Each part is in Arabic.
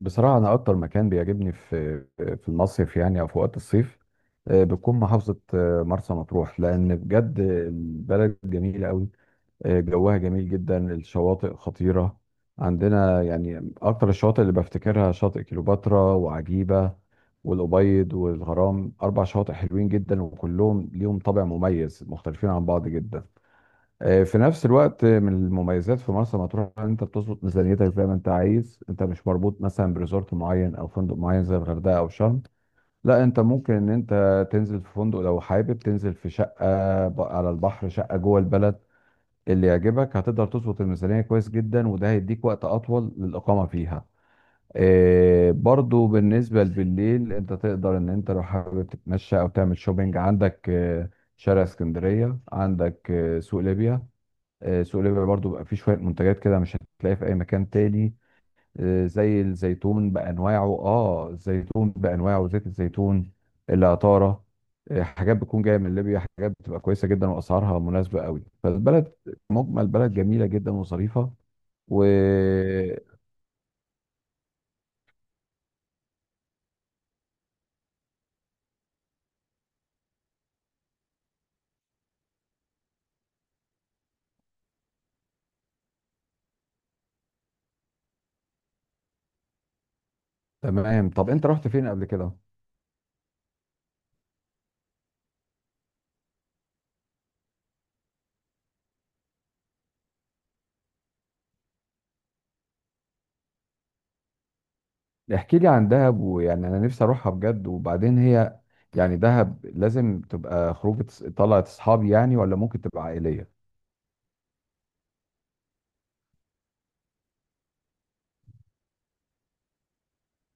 بصراحة أنا أكتر مكان بيعجبني في المصيف يعني أو في وقت الصيف. بتكون محافظة مرسى مطروح لأن بجد البلد جميلة أوي. جوها جميل جدا الشواطئ خطيرة عندنا يعني أكتر الشواطئ اللي بفتكرها شاطئ كليوباترا وعجيبة والأبيض والغرام أربع شواطئ حلوين جدا وكلهم ليهم طابع مميز مختلفين عن بعض جدا. في نفس الوقت من المميزات في مرسى مطروح ان انت بتظبط ميزانيتك زي ما انت عايز انت مش مربوط مثلا بريزورت معين او فندق معين زي الغردقه او شرم. لا انت ممكن ان انت تنزل في فندق لو حابب تنزل في شقه على البحر شقه جوه البلد اللي يعجبك هتقدر تظبط الميزانيه كويس جدا وده هيديك وقت اطول للاقامه فيها. برضو بالنسبه بالليل انت تقدر ان انت لو حابب تتمشى او تعمل شوبينج عندك، شارع اسكندريه عندك سوق ليبيا. سوق ليبيا برضو بقى فيه شوية منتجات كده مش هتلاقيها في أي مكان تاني. زي الزيتون بأنواعه الزيتون بأنواعه زيت الزيتون، العطارة. حاجات بتكون جاية من ليبيا حاجات بتبقى كويسة جدا وأسعارها مناسبة قوي فالبلد. مجمل بلد جميلة جدا وظريفة وتمام. طب أنت رحت فين قبل كده؟ احكي لي عن دهب ويعني أنا نفسي أروحها بجد وبعدين هي يعني دهب لازم تبقى خروجة طلعت أصحابي يعني ولا ممكن تبقى عائلية؟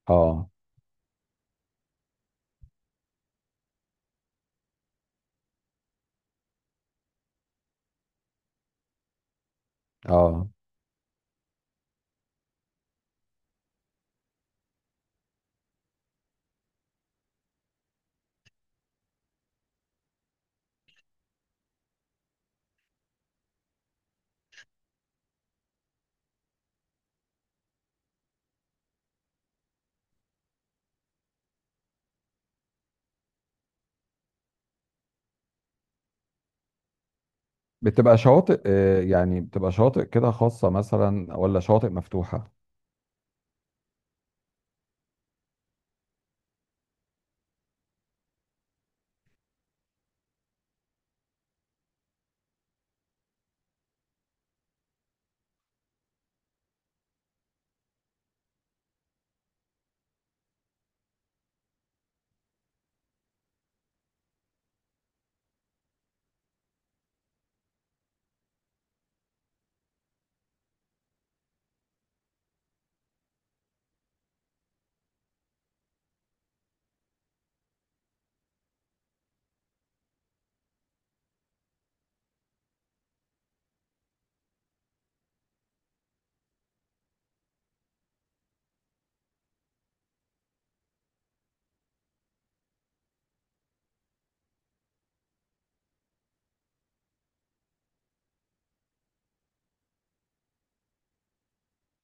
اه. اه بتبقى شواطئ يعني بتبقى شواطئ كده خاصة مثلا ولا شواطئ مفتوحة؟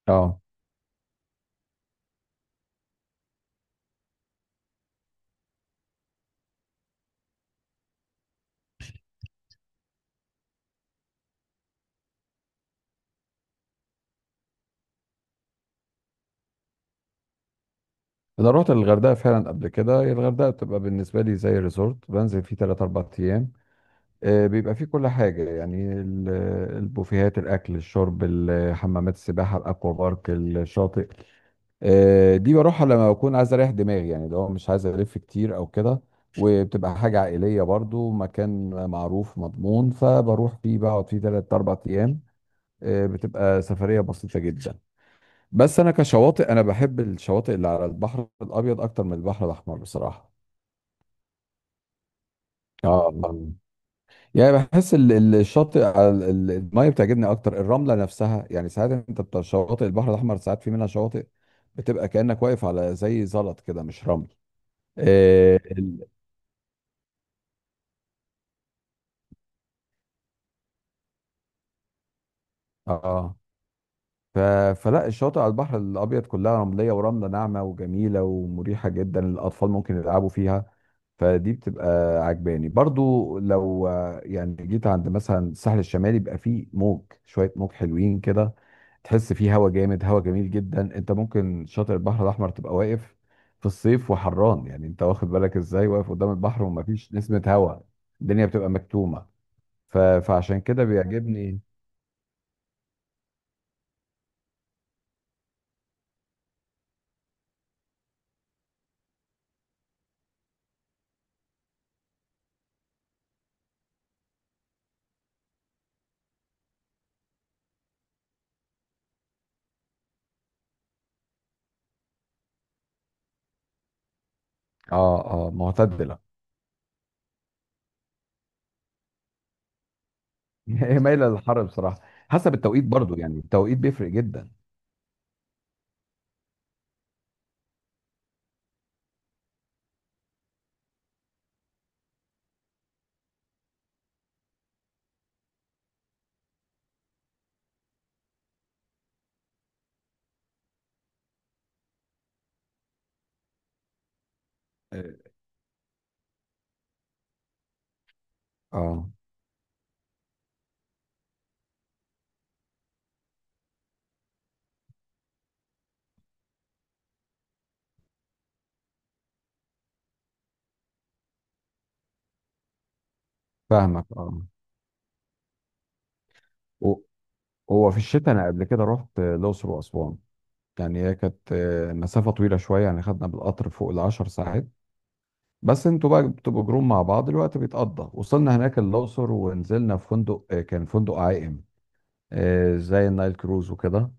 اه انا رحت الغردقة فعلا قبل كده، هي الغردقة بتبقى بالنسبة لي زي ريزورت بنزل فيه 3 4 ايام. بيبقى فيه كل حاجة يعني البوفيهات الاكل الشرب حمامات السباحة الاكوا بارك الشاطئ. دي بروحها لما بكون عايز اريح دماغي يعني لو مش عايز الف كتير او كده وبتبقى حاجة عائلية برضو مكان معروف مضمون فبروح فيه بقعد فيه 3 4 ايام. بتبقى سفرية بسيطة جدا. بس انا كشواطئ انا بحب الشواطئ اللي على البحر الابيض اكتر من البحر الاحمر بصراحة. اه آه. يعني بحس الشاطئ على المية بتعجبني اكتر الرملة نفسها يعني ساعات انت بتاع شواطئ البحر الاحمر ساعات في منها شواطئ بتبقى كأنك واقف على زي زلط كده مش رمل. اه آه. ف... فلا الشواطئ على البحر الابيض كلها رملية ورملة ناعمة وجميلة ومريحة جدا الاطفال ممكن يلعبوا فيها فدي بتبقى عجباني برضو لو يعني جيت عند مثلا الساحل الشمالي بيبقى فيه موج شوية موج حلوين كده تحس فيه هوا جامد هوا جميل جدا انت ممكن شاطئ البحر الاحمر تبقى واقف في الصيف وحران يعني انت واخد بالك ازاي واقف قدام البحر ومفيش نسمة هوا. الدنيا بتبقى مكتومة. فعشان كده بيعجبني. اه اه معتدلة. هي مايلة للحر بصراحة، حسب التوقيت برضو يعني التوقيت بيفرق جدا. اه فاهمك اه. هو في الشتاء انا قبل كده رحت الاقصر واسوان، يعني هي كانت مسافه طويله شويه يعني خدنا بالقطر فوق العشر ساعات بس انتوا بقى بتبقوا جروب مع بعض الوقت بيتقضى. وصلنا هناك الاقصر ونزلنا في فندق كان فندق عائم، زي النايل كروز وكده.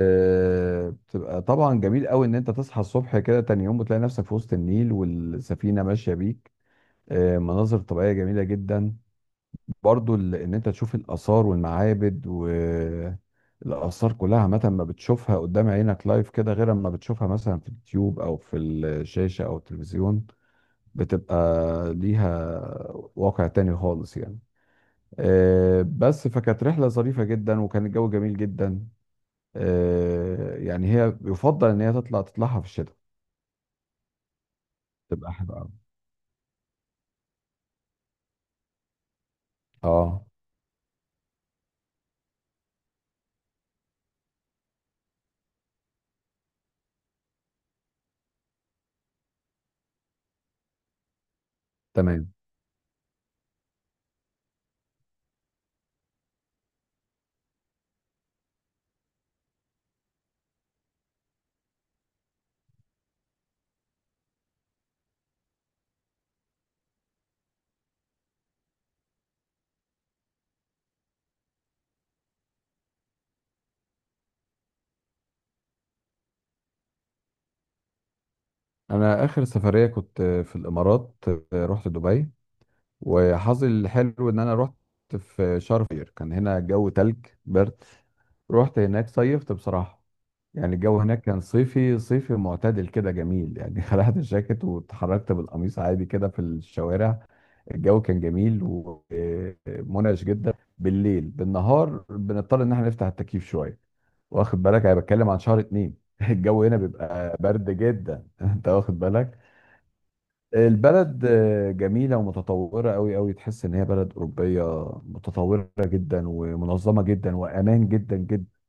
بتبقى طبعا جميل قوي ان انت تصحى الصبح كده تاني يوم بتلاقي نفسك في وسط النيل والسفينه ماشيه بيك. مناظر طبيعيه جميله جدا. برضو ان انت تشوف الاثار والمعابد والاثار كلها عامه ما بتشوفها قدام عينك لايف كده غير اما بتشوفها مثلا في اليوتيوب او في الشاشه او التلفزيون. بتبقى ليها واقع تاني خالص يعني. بس فكانت رحله ظريفه جدا وكان الجو جميل جدا. يعني هي يفضل ان هي تطلع تطلعها في الشتاء. تبقى حلوه أوي. اه تمام. انا اخر سفريه كنت في الامارات، رحت دبي. وحظي الحلو ان انا رحت في شهر فبراير كان هنا الجو تلج برد. رحت هناك صيفت بصراحة، يعني الجو هناك كان صيفي صيفي معتدل كده جميل يعني خلعت الجاكيت واتحركت بالقميص عادي كده في الشوارع. الجو كان جميل ومنعش جدا بالليل، بالنهار بنضطر ان احنا نفتح التكييف شوية. واخد بالك انا بتكلم عن شهر اتنين الجو هنا بيبقى برد جدا انت واخد بالك. البلد جميلة ومتطورة أوي أوي تحس إن هي بلد أوروبية متطورة جدا ومنظمة جدا وأمان جدا جدا.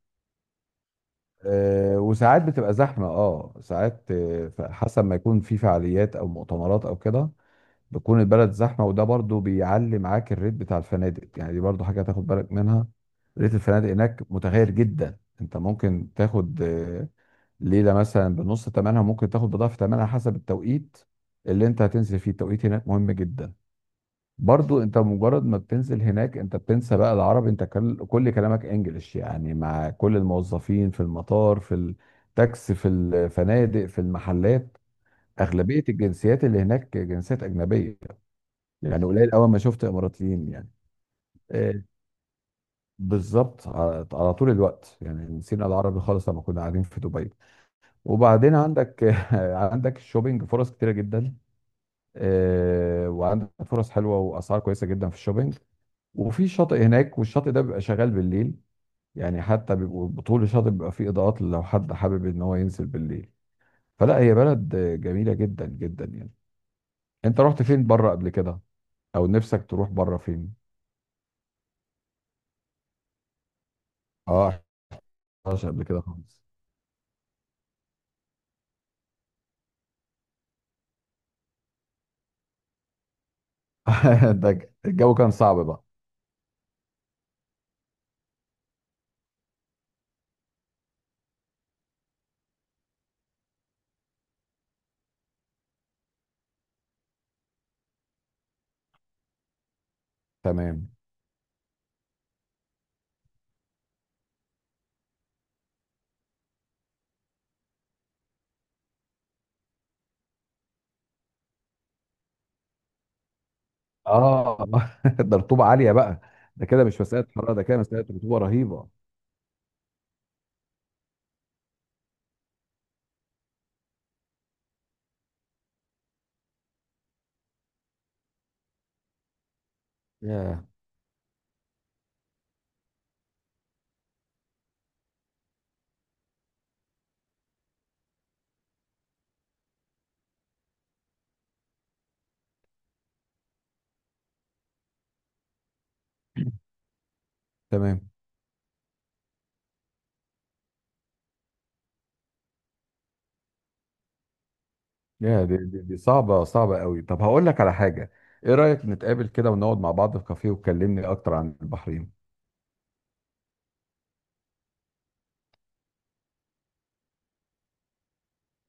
وساعات بتبقى زحمة اه ساعات حسب ما يكون في فعاليات أو مؤتمرات أو كده بتكون البلد زحمة وده برضو بيعلي معاك الريت بتاع الفنادق يعني دي برضو حاجة تاخد بالك منها. ريت الفنادق هناك متغير جدا، أنت ممكن تاخد ليلة مثلا بنص تمنها ممكن تاخد بضعف تمنها حسب التوقيت اللي أنت هتنزل فيه. التوقيت هناك مهم جدا. برضو انت مجرد ما بتنزل هناك انت بتنسى بقى العربي انت كل كلامك انجلش يعني مع كل الموظفين في المطار في التاكسي في الفنادق في المحلات. اغلبية الجنسيات اللي هناك جنسيات اجنبية، يعني قليل اول ما شفت اماراتيين يعني. آه، بالظبط على طول الوقت يعني نسينا العربي خالص لما كنا قاعدين في دبي. وبعدين عندك عندك الشوبينج فرص كتيرة جدا. وعندك فرص حلوة واسعار كويسة جدا في الشوبينج. وفي شاطئ هناك والشاطئ ده بيبقى شغال بالليل يعني حتى بيبقوا طول الشاطئ بيبقى فيه اضاءات لو حد حابب ان هو ينزل بالليل. فلا هي بلد جميلة جدا جدا يعني. انت رحت فين بره قبل كده، او نفسك تروح بره فين؟ اه رحتش قبل كده خالص. ده الجو كان صعب بقى. تمام اه. ده رطوبة عالية بقى. ده كده مش مسألة حرارة ده كده مسألة رطوبة رهيبة. ياه تمام. يا دي صعبة صعبة قوي. طب هقول لك على حاجة، ايه رأيك نتقابل كده ونقعد مع بعض في كافيه وتكلمني اكتر عن البحرين؟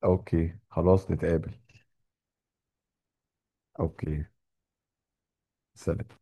اوكي خلاص نتقابل. اوكي سلام.